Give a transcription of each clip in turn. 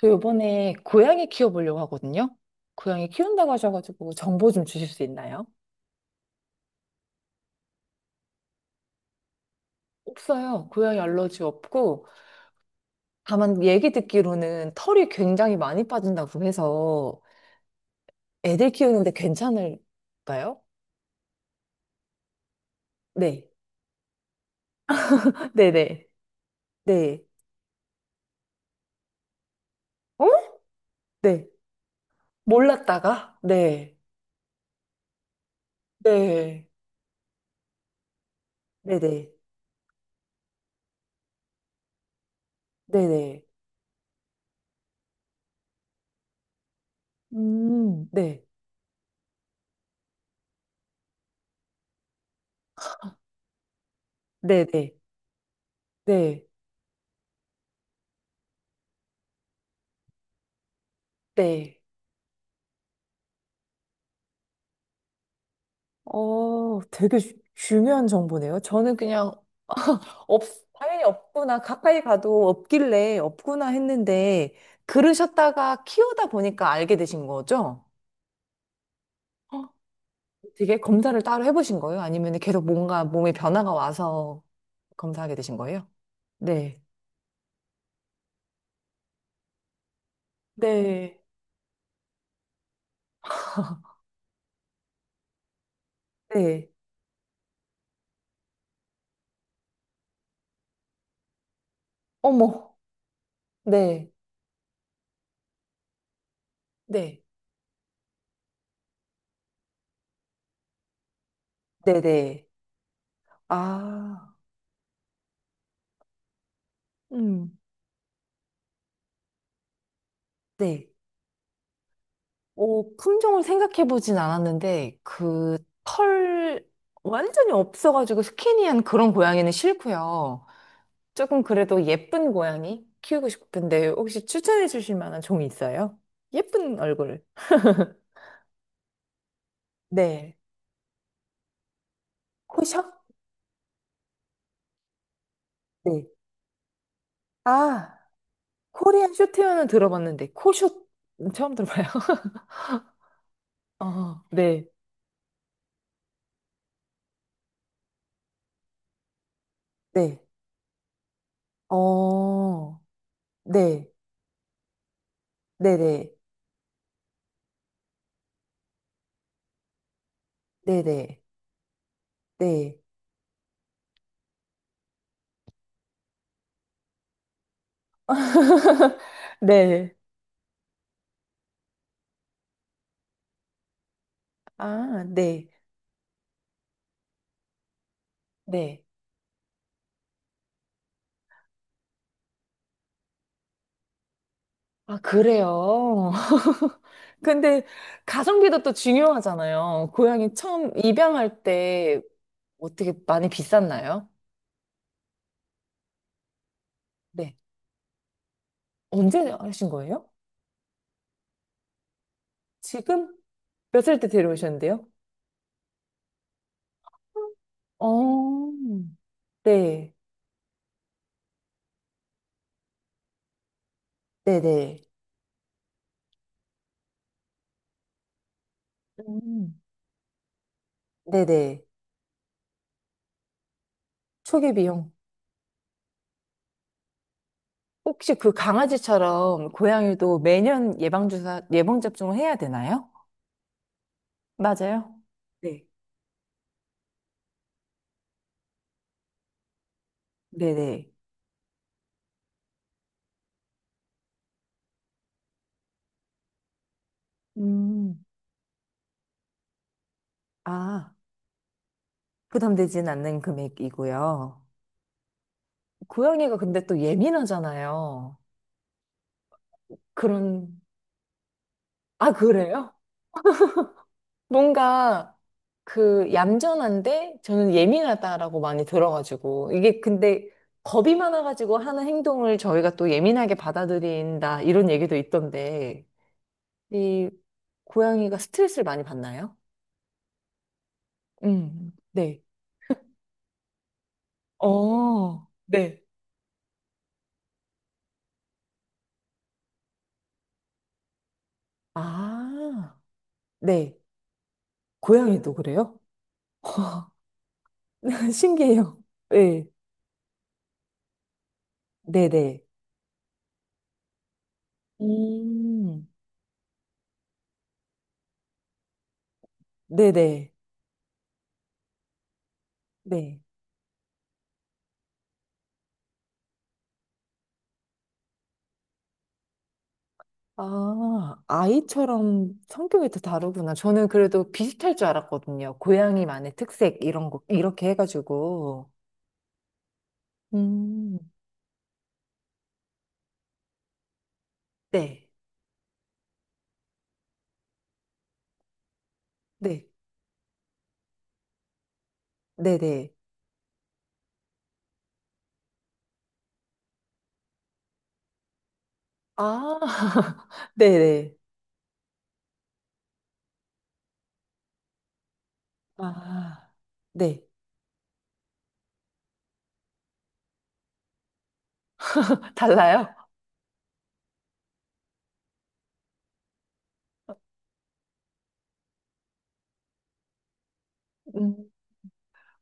저 요번에 고양이 키워보려고 하거든요. 고양이 키운다고 하셔가지고 정보 좀 주실 수 있나요? 없어요. 고양이 알러지 없고, 다만 얘기 듣기로는 털이 굉장히 많이 빠진다고 해서 애들 키우는데 괜찮을까요? 네. 네네. 네. 어? 네. 몰랐다가? 네. 네. 네네. 네네. 네. 네네. 네. 네. 어, 되게 중요한 정보네요. 저는 그냥 없, 당연히 없구나. 가까이 가도 없길래 없구나 했는데, 그러셨다가 키우다 보니까 알게 되신 거죠? 어, 되게 검사를 따로 해보신 거예요? 아니면 계속 뭔가 몸에 변화가 와서 검사하게 되신 거예요? 네. 네. 네. 어머. 네. 네. 네네. 아, 음. 네. 어, 품종을 생각해보진 않았는데, 그, 털, 완전히 없어가지고 스키니한 그런 고양이는 싫고요. 조금 그래도 예쁜 고양이 키우고 싶은데 혹시 추천해 주실 만한 종이 있어요? 예쁜 얼굴. 네. 코숏? 네. 아, 코리안 쇼테어는 들어봤는데 코숏 처음 들어봐요. 어, 네. 네. 어, 네. 네네. 네네. 네. 네. 아, 네. 네. 아, 그래요. 근데 가성비도 또 중요하잖아요. 고양이 처음 입양할 때 어떻게 많이 비쌌나요? 네. 언제 하신 거예요? 지금 몇 살 때 데려오셨는데요? 어, 네. 네네. 음. 네네. 초기 비용. 혹시 그 강아지처럼 고양이도 매년 예방주사, 예방접종을 해야 되나요? 맞아요. 네. 네네. 음. 아, 부담되진 않는 금액이고요. 고양이가 근데 또 예민하잖아요. 그런, 아, 그래요? 뭔가 그 얌전한데 저는 예민하다라고 많이 들어가지고 이게 근데 겁이 많아가지고 하는 행동을 저희가 또 예민하게 받아들인다 이런 얘기도 있던데 이 고양이가 스트레스를 많이 받나요? 네. 어, 네. 아, 네. 고양이도 그래요? 신기해요. 네, 네네. 음, 네네. 네. 아, 아이처럼 성격이 다 다르구나. 저는 그래도 비슷할 줄 알았거든요. 고양이만의 특색, 이런 거, 이렇게 해가지고. 음, 네, 네, 네네. 아, 네네. 아, 네. 달라요? 음,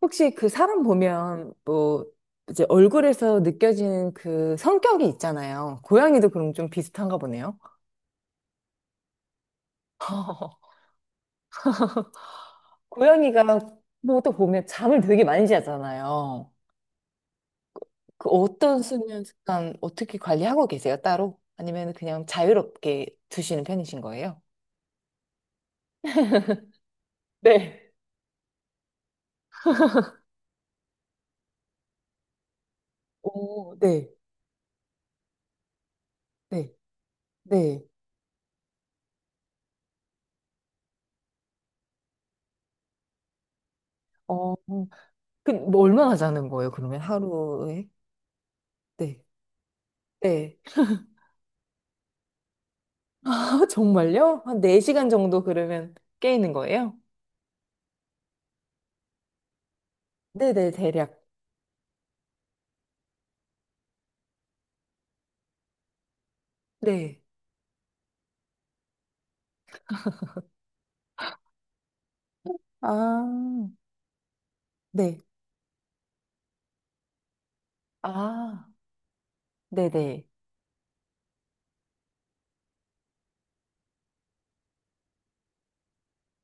혹시 그 사람 보면 뭐 이제 얼굴에서 느껴지는 그 성격이 있잖아요. 고양이도 그럼 좀 비슷한가 보네요. 고양이가 뭐또 보면 잠을 되게 많이 자잖아요. 그 어떤 수면 습관 어떻게 관리하고 계세요, 따로? 아니면 그냥 자유롭게 두시는 편이신 거예요? 네. 오, 네, 네, 네. 어, 그럼 뭐 얼마나 자는 거예요, 그러면 하루에? 네, 네. 아, 정말요? 한 4시간 정도 그러면 깨 있는 거예요? 네네, 대략. 네. 아, 네. 아, 네네.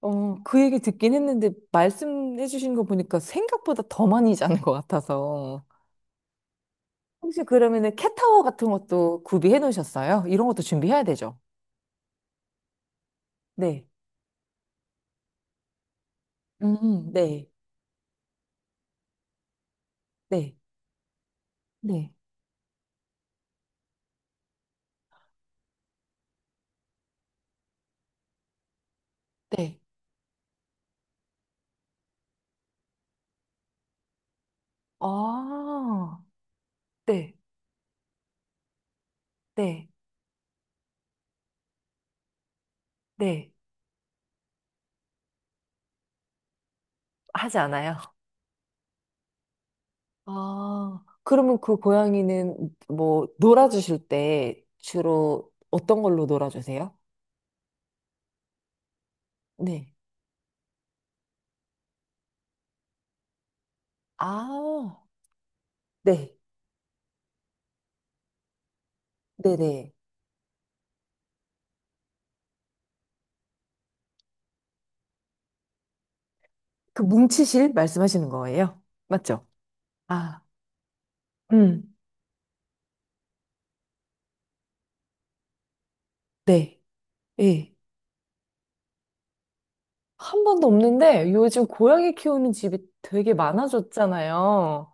어, 그 얘기 듣긴 했는데, 말씀해 주신 거 보니까 생각보다 더 많이 자는 것 같아서. 혹시 그러면은 캣타워 같은 것도 구비해 놓으셨어요? 이런 것도 준비해야 되죠? 네. 네. 네. 네. 네. 아, 네. 네. 네. 하지 않아요. 아, 그러면 그 고양이는 뭐 놀아주실 때 주로 어떤 걸로 놀아주세요? 네. 아, 네. 네네. 그 뭉치실 말씀하시는 거예요? 맞죠? 아, 음, 네. 예. 한 번도 없는데 요즘 고양이 키우는 집이 되게 많아졌잖아요.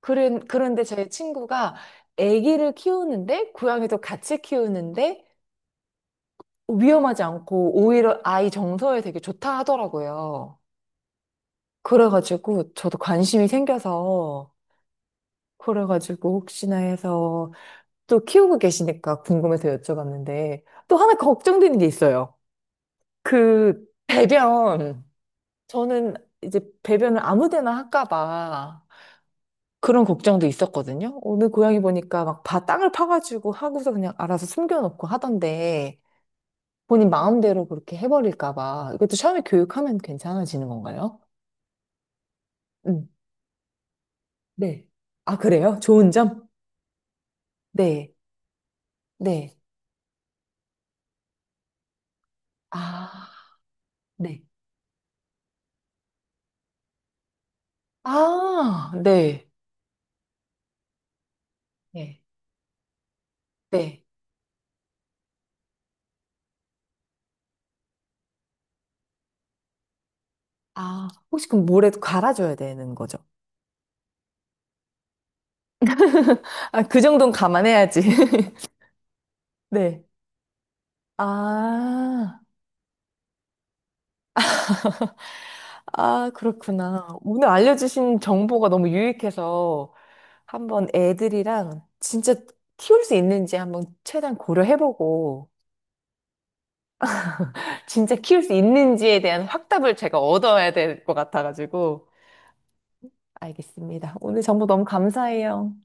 그래, 그런데 제 친구가 아기를 키우는데 고양이도 같이 키우는데 위험하지 않고 오히려 아이 정서에 되게 좋다 하더라고요. 그래가지고 저도 관심이 생겨서 그래가지고 혹시나 해서 또 키우고 계시니까 궁금해서 여쭤봤는데 또 하나 걱정되는 게 있어요. 그 배변 저는 이제 배변을 아무 데나 할까 봐 그런 걱정도 있었거든요. 오늘 고양이 보니까 막 바 땅을 파가지고 하고서 그냥 알아서 숨겨놓고 하던데 본인 마음대로 그렇게 해버릴까 봐. 이것도 처음에 교육하면 괜찮아지는 건가요? 음, 네. 아, 그래요? 좋은 점? 네, 네. 아, 네. 아, 네. 네, 네. 아, 혹시 그럼 모래 갈아줘야 되는 거죠? 아, 그 정도는 감안해야지. 네. 아, 아, 그렇구나. 오늘 알려주신 정보가 너무 유익해서 한번 애들이랑 진짜 키울 수 있는지 한번 최대한 고려해보고 진짜 키울 수 있는지에 대한 확답을 제가 얻어야 될 것 같아가지고. 알겠습니다. 오늘 정보 너무 감사해요.